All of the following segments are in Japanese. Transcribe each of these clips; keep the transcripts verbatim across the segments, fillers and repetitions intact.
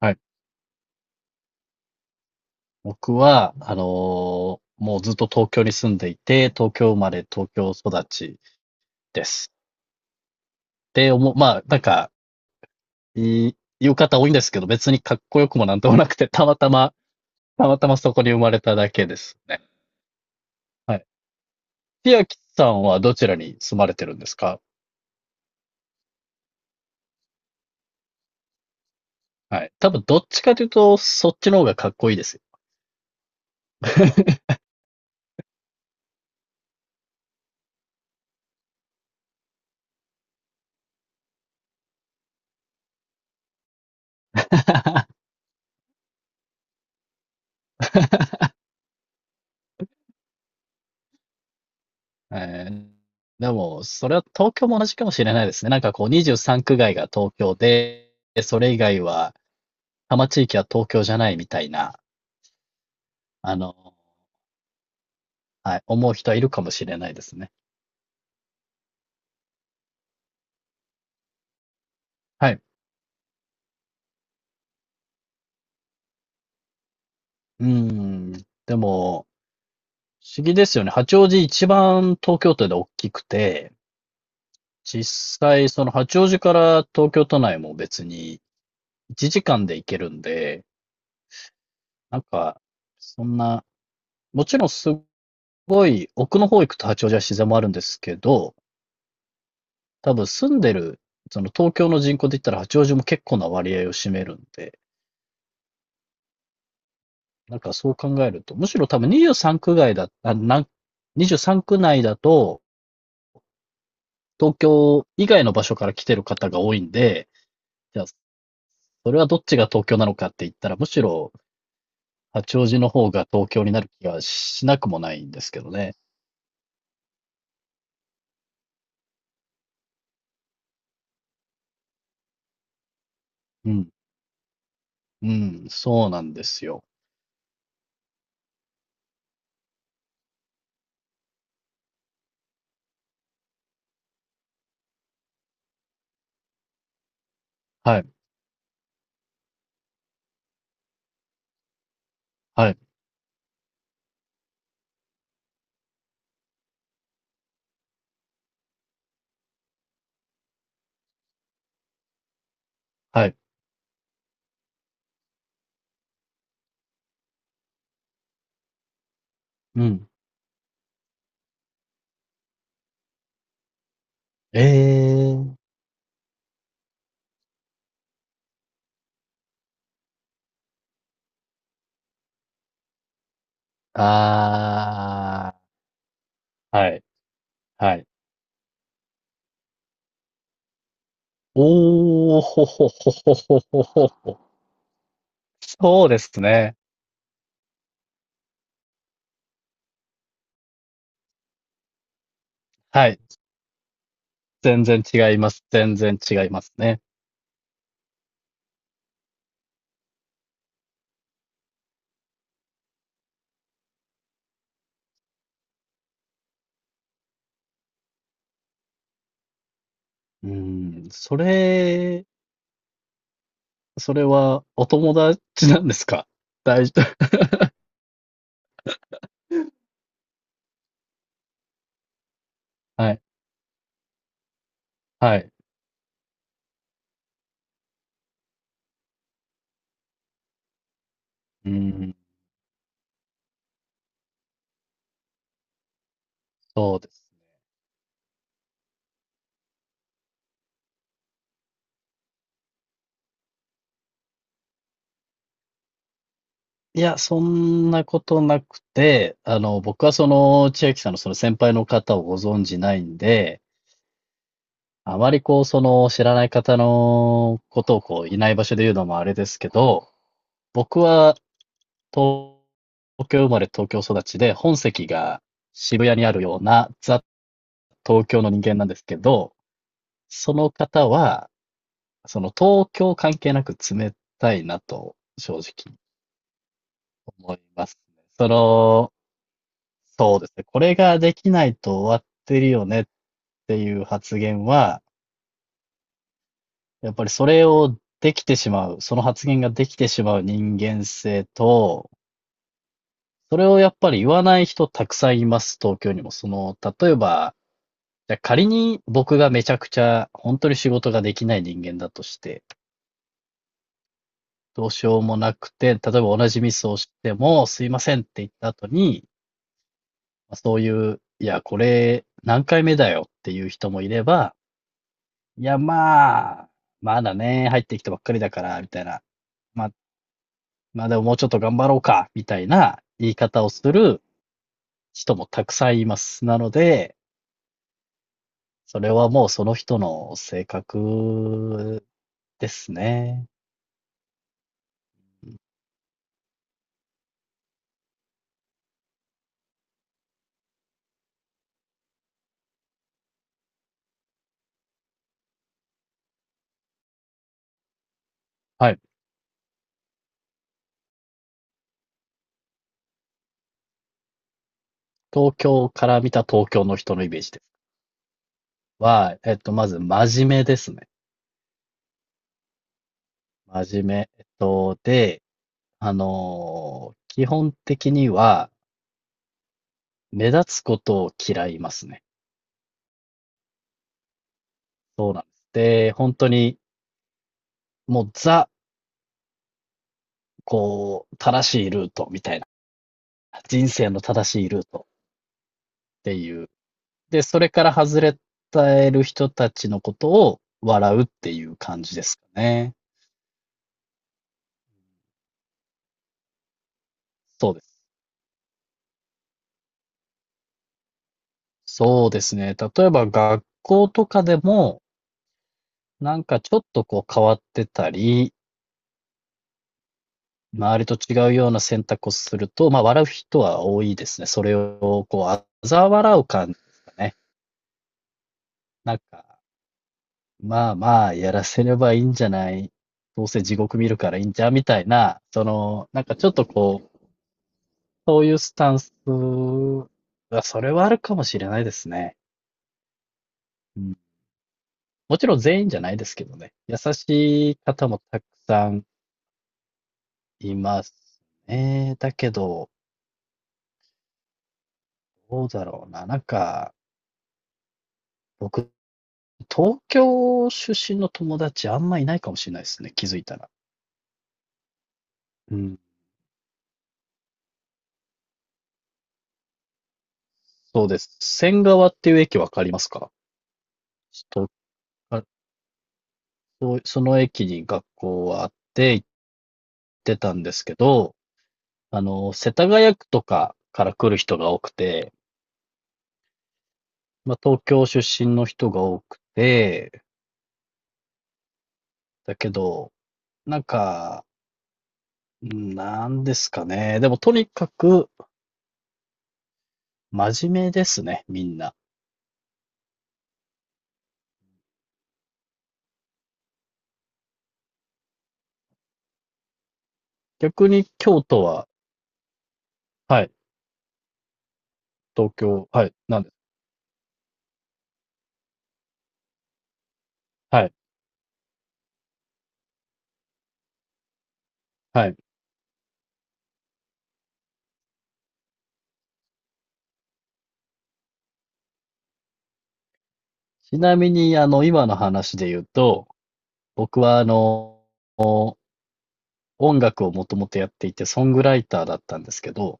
はい。僕は、あのーもうずっと東京に住んでいて、東京生まれ、東京育ちです。で、おも、まあ、なんか、いい、言う方多いんですけど、別にかっこよくもなんともなくて、たまたま、たまたまそこに生まれただけですね。はい。千秋さんはどちらに住まれてるんですか？はい。多分どっちかというと、そっちの方がかっこいいですよ。えー、でも、それは東京も同じかもしれないですね。なんかこうにじゅうさん区外が東京で、それ以外は、多摩地域は東京じゃないみたいな、あの、はい、思う人はいるかもしれないですね。はい。うーん。でも、不思議ですよね。八王子一番東京都で大きくて、実際その八王子から東京都内も別にいちじかんで行けるんで、なんか、そんな、もちろんすごい奥の方行くと八王子は自然もあるんですけど、多分住んでる、その東京の人口で言ったら八王子も結構な割合を占めるんで、なんかそう考えると、むしろ多分23区外だ、あ、なん、にじゅうさん区内だと、東京以外の場所から来てる方が多いんで、じゃあ、それはどっちが東京なのかって言ったら、むしろ八王子の方が東京になる気がしなくもないんですけどね。うん、うん、そうなんですよ。はい、はい、はい。うん。ええー、ああ、はい、はい。おーほほほほほほほほ。そうですね。はい。全然違います。全然違いますね。うん。それ、それはお友達なんですか？大丈夫。はい。はい。うん。そうです。いや、そんなことなくて、あの、僕はその、千秋さんのその先輩の方をご存じないんで、あまりこう、その、知らない方のことをこう、いない場所で言うのもあれですけど、僕は東京生まれ東京育ちで、本籍が渋谷にあるようなザ・東京の人間なんですけど、その方は、その東京関係なく冷たいなと正直思いますね。その、そうですね。これができないと終わってるよねっていう発言は、やっぱりそれをできてしまう、その発言ができてしまう人間性と、それをやっぱり言わない人たくさんいます、東京にも。その、例えば、じゃあ仮に僕がめちゃくちゃ本当に仕事ができない人間だとして、どうしようもなくて、例えば同じミスをしてもすいませんって言った後に、まあそういう、いや、これ何回目だよっていう人もいれば、いや、まあ、まだね、入ってきたばっかりだから、みたいな。まあ、まあでももうちょっと頑張ろうか、みたいな言い方をする人もたくさんいます。なので、それはもうその人の性格ですね。はい。東京から見た東京の人のイメージです。は、えっと、まず真面目ですね。真面目。えっと、で、あのー基本的には目立つことを嫌いますね。そうなんです。で、本当にもうザ、こう、正しいルートみたいな。人生の正しいルートっていう。で、それから外れたる人たちのことを笑うっていう感じですかね。そうです。そうですね。例えば学校とかでも、なんかちょっとこう変わってたり、周りと違うような選択をすると、まあ笑う人は多いですね。それをこう、あざ笑う感じですかね。なんか、まあまあ、やらせればいいんじゃない。どうせ地獄見るからいいんじゃんみたいな、その、なんかちょっとこう、そういうスタンスは、それはあるかもしれないですね。うん。もちろん全員じゃないですけどね。優しい方もたくさんいますね。だけど、どうだろうな。なんか、僕、東京出身の友達あんまいないかもしれないですね、気づいたら。うん、そうです。仙川っていう駅わかりますか？と、あ、そう、その駅に学校はあって行ってたんですけど、あの、世田谷区とかから来る人が多くて、まあ、東京出身の人が多くて、だけど、なんか、うんなんですかね。でも、とにかく、真面目ですね、みんな。逆に京都は、はい、東京、はい、なんですはい。はい。ちなみに、あの、今の話で言うと、僕は、あの、音楽をもともとやっていて、ソングライターだったんですけど、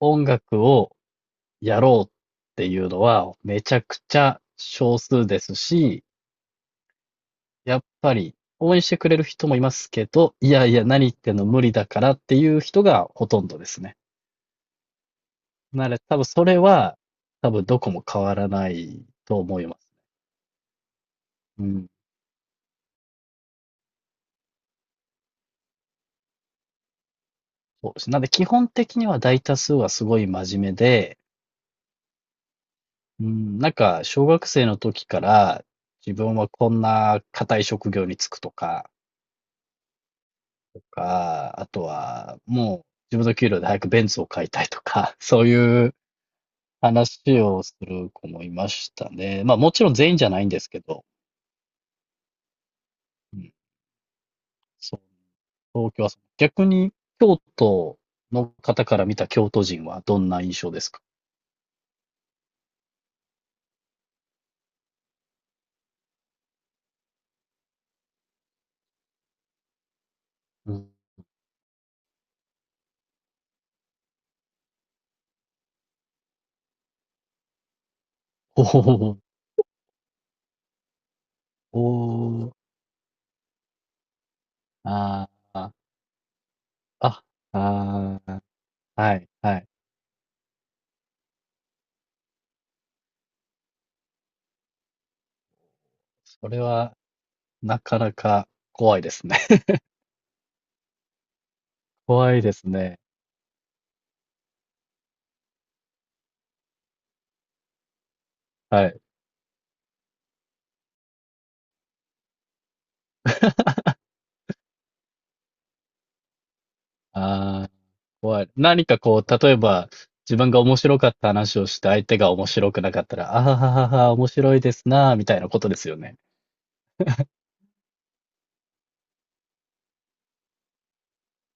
音楽をやろうっていうのは、めちゃくちゃ少数ですし、やっぱり、応援してくれる人もいますけど、いやいや、何言ってんの無理だからっていう人がほとんどですね。なので、多分それは、多分どこも変わらないと思います。うん。そうです。なんで、基本的には大多数はすごい真面目で、うん、なんか、小学生の時から、自分はこんな堅い職業に就くとか、か、あとは、もう自分の給料で早くベンツを買いたいとか、そういう話をする子もいましたね。まあ、もちろん全員じゃないんですけど、うん、そう、東京はそう、逆に京都の方から見た京都人はどんな印象ですか？うん。おお、おお、ああ、あ、ああ、はいはい。それはなかなか怖いですね。怖いですね。はい。ああ、怖い。何かこう、例えば、自分が面白かった話をして相手が面白くなかったら、あはははは、面白いですなあ、みたいなことですよね。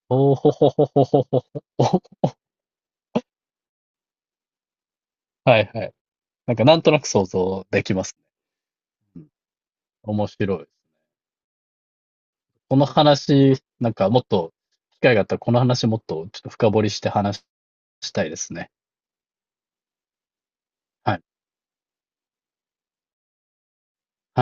おお、ほほほほほほほ。はいはい。なんかなんとなく想像できます。うん。面白い。この話、なんかもっと機会があったら、この話もっとちょっと深掘りして話したいですね。はい。はい。